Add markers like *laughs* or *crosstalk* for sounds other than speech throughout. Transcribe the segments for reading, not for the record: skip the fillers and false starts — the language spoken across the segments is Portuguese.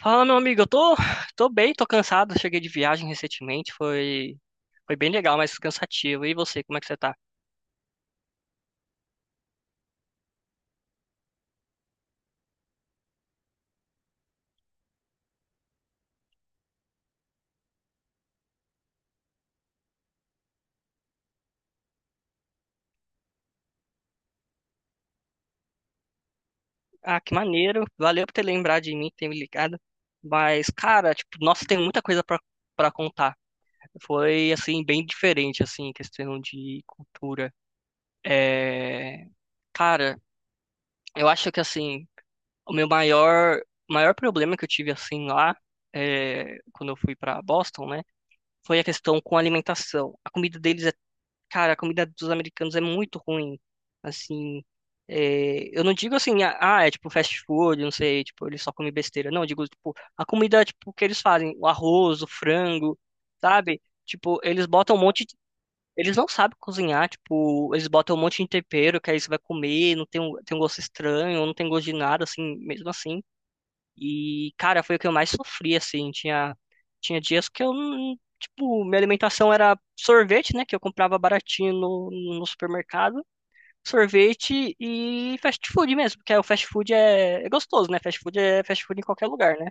Fala, meu amigo, eu tô bem, tô cansado. Cheguei de viagem recentemente, foi bem legal, mas cansativo. E você, como é que você tá? Ah, que maneiro. Valeu por ter lembrado de mim, ter me ligado. Mas, cara, tipo, nossa, tem muita coisa pra contar. Foi, assim, bem diferente, assim, em questão de cultura. É, cara, eu acho que, assim, o meu maior problema que eu tive, assim, lá, quando eu fui pra Boston, né, foi a questão com a alimentação. A comida deles é, cara, a comida dos americanos é muito ruim, assim, eu não digo assim, ah, é tipo fast food, não sei, tipo, eles só comem besteira. Não, eu digo, tipo, a comida, tipo, que eles fazem, o arroz, o frango, sabe? Tipo, eles botam um monte. Eles não sabem cozinhar, tipo, eles botam um monte de tempero que aí você vai comer, não tem um gosto estranho, não tem gosto de nada, assim, mesmo assim. E, cara, foi o que eu mais sofri, assim. Tinha dias que eu, tipo, minha alimentação era sorvete, né, que eu comprava baratinho no supermercado, sorvete e fast food mesmo, porque aí o fast food é gostoso, né? Fast food é fast food em qualquer lugar, né?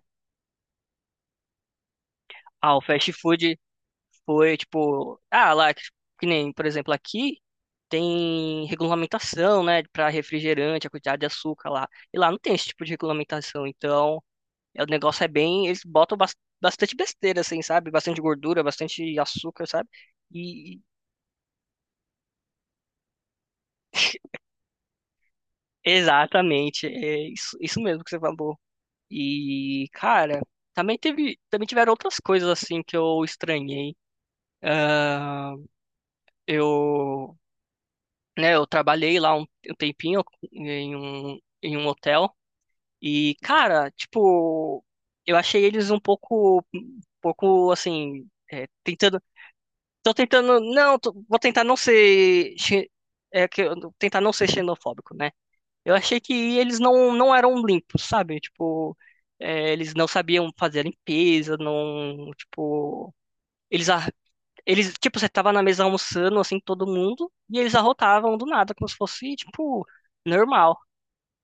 Ah, o fast food. Foi tipo, ah, lá, que nem, por exemplo, aqui tem regulamentação, né, para refrigerante, a quantidade de açúcar lá. E lá não tem esse tipo de regulamentação. Então, é, o negócio é bem, eles botam bastante besteira, assim, sabe? Bastante gordura, bastante açúcar, sabe? E exatamente, é isso, isso mesmo que você falou. E, cara, também teve, também tiveram outras coisas assim que eu estranhei. Ah, eu né? Eu trabalhei lá um tempinho em um hotel e, cara, tipo, eu achei eles um pouco assim, tô tentando, não, vou tentar não ser, tentar não ser xenofóbico, né? Eu achei que eles não eram limpos, sabe? Tipo, é, eles não sabiam fazer a limpeza, não, tipo, eles a- eles, tipo, você tava na mesa almoçando, assim, todo mundo, e eles arrotavam do nada, como se fosse, tipo, normal.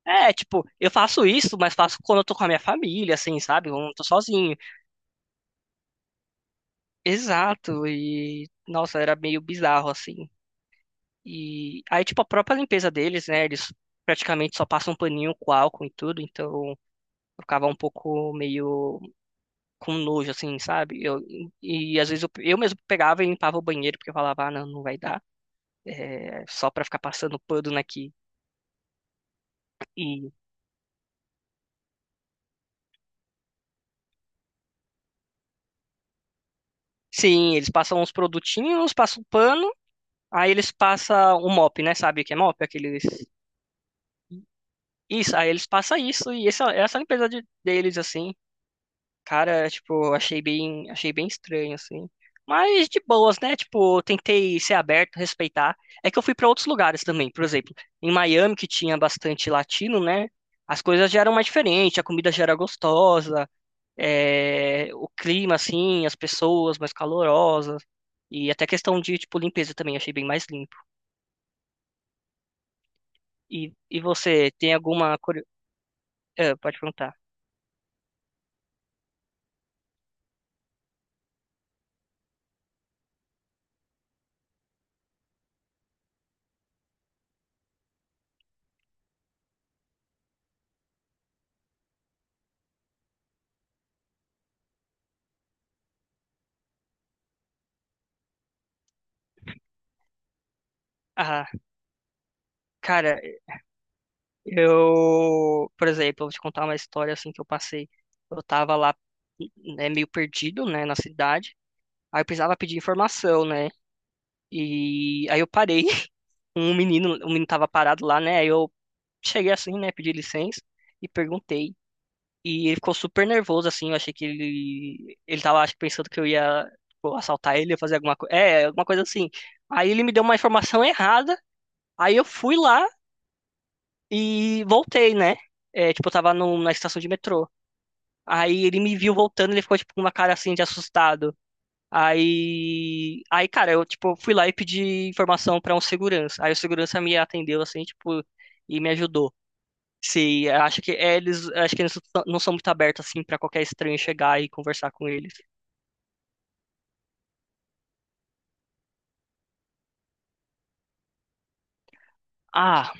É, tipo, eu faço isso, mas faço quando eu tô com a minha família, assim, sabe? Quando eu tô sozinho. Exato, e, nossa, era meio bizarro, assim. E aí, tipo, a própria limpeza deles, né? Eles praticamente só passam um paninho com álcool e tudo, então eu ficava um pouco meio com nojo, assim, sabe? Eu, e às vezes eu mesmo pegava e limpava o banheiro, porque eu falava, ah, não, não vai dar. É, só pra ficar passando pano aqui. E sim, eles passam uns produtinhos, passam pano, aí eles passam o mop, né? Sabe o que é mop? Aqueles. Isso, aí eles passam isso, e essa limpeza deles, assim, cara, tipo, achei bem estranho, assim. Mas de boas, né? Tipo, eu tentei ser aberto, respeitar. É que eu fui pra outros lugares também, por exemplo, em Miami, que tinha bastante latino, né? As coisas já eram mais diferentes, a comida já era gostosa. O clima, assim, as pessoas mais calorosas. E até questão de, tipo, limpeza também, achei bem mais limpo. E você, tem alguma... curio- Ah, pode perguntar. Ah, cara, eu... Por exemplo, eu vou te contar uma história, assim, que eu passei. Eu tava lá, né, meio perdido, né, na cidade. Aí eu precisava pedir informação, né? E aí eu parei. *laughs* Um menino, o menino tava parado lá, né? Aí eu cheguei assim, né, pedi licença e perguntei. E ele ficou super nervoso, assim. Eu achei que ele. Ele tava, acho que, pensando que eu ia, tipo, assaltar ele, ia fazer alguma coisa. É, alguma coisa assim. Aí ele me deu uma informação errada. Aí eu fui lá e voltei, né? É, tipo, eu tava na estação de metrô. Aí ele me viu voltando, ele ficou, tipo, com uma cara assim de assustado. Aí. Aí, cara, eu, tipo, fui lá e pedi informação pra um segurança. Aí o segurança me atendeu, assim, tipo, e me ajudou. Se acha que é, eles, acho que eles não são muito abertos assim pra qualquer estranho chegar e conversar com eles. Ah,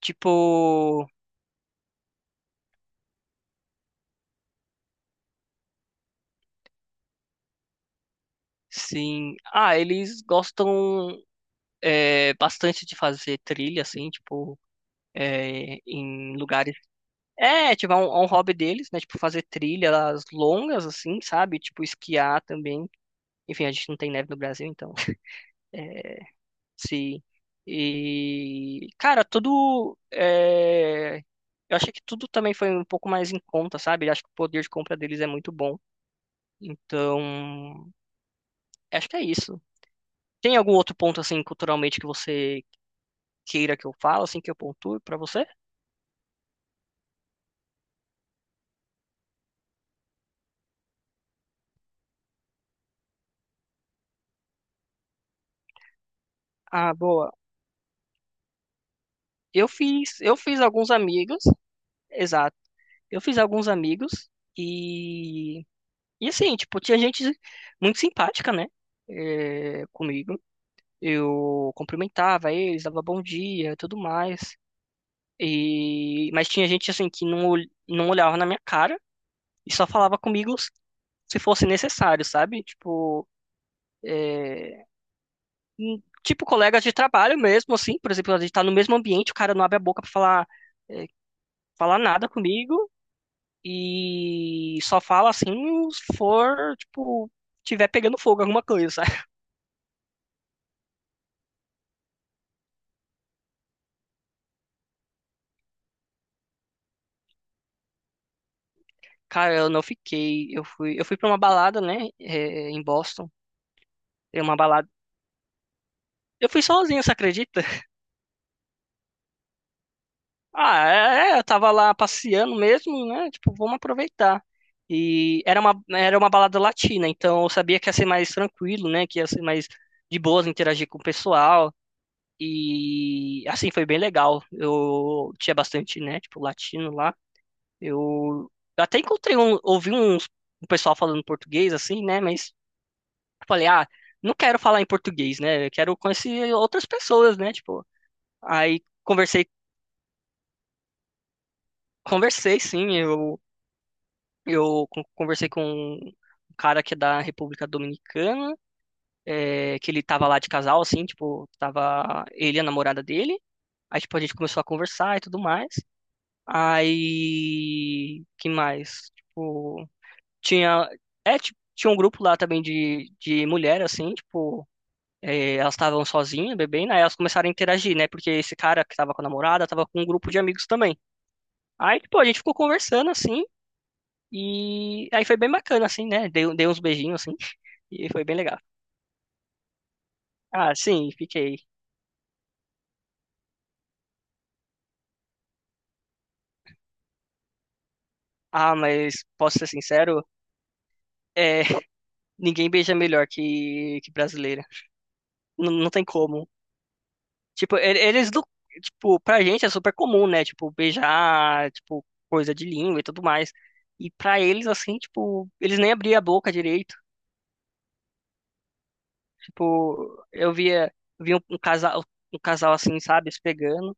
tipo, sim. Ah, eles gostam bastante de fazer trilha assim, tipo, em lugares. É, tipo, é um hobby deles, né? Tipo, fazer trilhas longas assim, sabe? Tipo, esquiar também. Enfim, a gente não tem neve no Brasil, então. *laughs* Sim. E, cara, tudo. Eu achei que tudo também foi um pouco mais em conta, sabe? Eu acho que o poder de compra deles é muito bom. Então, acho que é isso. Tem algum outro ponto, assim, culturalmente que você queira que eu fale, assim, que eu pontue pra você? Ah, boa. Eu fiz alguns amigos, exato. Eu fiz alguns amigos e. E assim, tipo, tinha gente muito simpática, né? Comigo. Eu cumprimentava eles, dava bom dia, e tudo mais. E mas tinha gente assim que não olhava na minha cara e só falava comigo se fosse necessário, sabe? Tipo, tipo colegas de trabalho mesmo assim, por exemplo, a gente tá no mesmo ambiente, o cara não abre a boca pra falar eh, falar nada comigo e só fala assim se for, tipo, tiver pegando fogo alguma coisa, sabe? Cara, eu não fiquei, eu fui para uma balada, né, em Boston. É uma balada. Eu fui sozinho, você acredita? *laughs* Ah, é, eu tava lá passeando mesmo, né? Tipo, vamos aproveitar. E era uma balada latina, então eu sabia que ia ser mais tranquilo, né? Que ia ser mais de boas interagir com o pessoal. E assim foi bem legal. Eu tinha bastante, né? Tipo, latino lá. Eu até encontrei um, ouvi uns, um pessoal falando português, assim, né? Mas eu falei, ah, não quero falar em português, né? Eu quero conhecer outras pessoas, né? Tipo, aí. Conversei, sim. Eu, conversei com um cara que é da República Dominicana, é, que ele tava lá de casal, assim, tipo, tava ele e a namorada dele. Aí, tipo, a gente começou a conversar e tudo mais. Aí, que mais? Tipo, tinha, é, tipo, tinha um grupo lá também de mulher, assim, tipo, é, elas estavam sozinhas, bebendo, aí elas começaram a interagir, né? Porque esse cara que tava com a namorada tava com um grupo de amigos também. Aí, tipo, a gente ficou conversando, assim, e aí foi bem bacana, assim, né? Dei uns beijinhos, assim, *laughs* e foi bem legal. Ah, sim, fiquei. Ah, mas posso ser sincero, é, *laughs* ninguém beija melhor que brasileira. Não, não tem como. Tipo, eles do. Tipo, pra gente é super comum, né? Tipo, beijar, tipo, coisa de língua e tudo mais. E pra eles, assim, tipo, eles nem abriam a boca direito. Tipo, eu via um casal, um casal, assim, sabe, se pegando.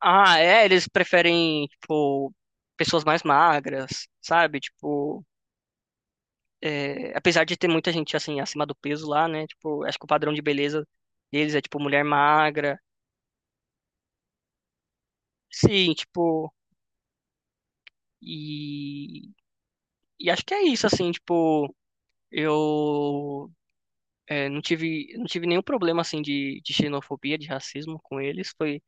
Ah, é, eles preferem, tipo, pessoas mais magras, sabe? Tipo, é, apesar de ter muita gente, assim, acima do peso lá, né? Tipo, acho que o padrão de beleza deles é, tipo, mulher magra. Sim, tipo, e, e acho que é isso, assim, tipo, eu não tive nenhum problema, assim, de xenofobia, de racismo com eles. Foi,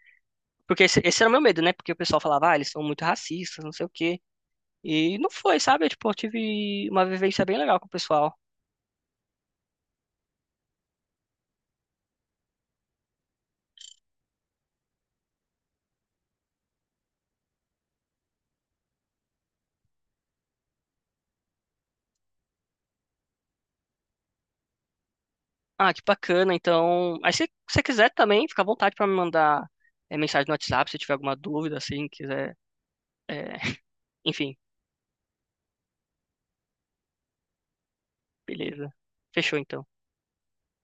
porque esse era o meu medo, né? Porque o pessoal falava, ah, eles são muito racistas, não sei o quê. E não foi, sabe? Tipo, eu tive uma vivência bem legal com o pessoal. Ah, que bacana. Então, aí se você quiser também, fica à vontade para me mandar mensagem no WhatsApp se tiver alguma dúvida, assim, quiser. é, *laughs* Enfim, beleza. Fechou então.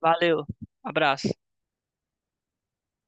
Valeu. Abraço.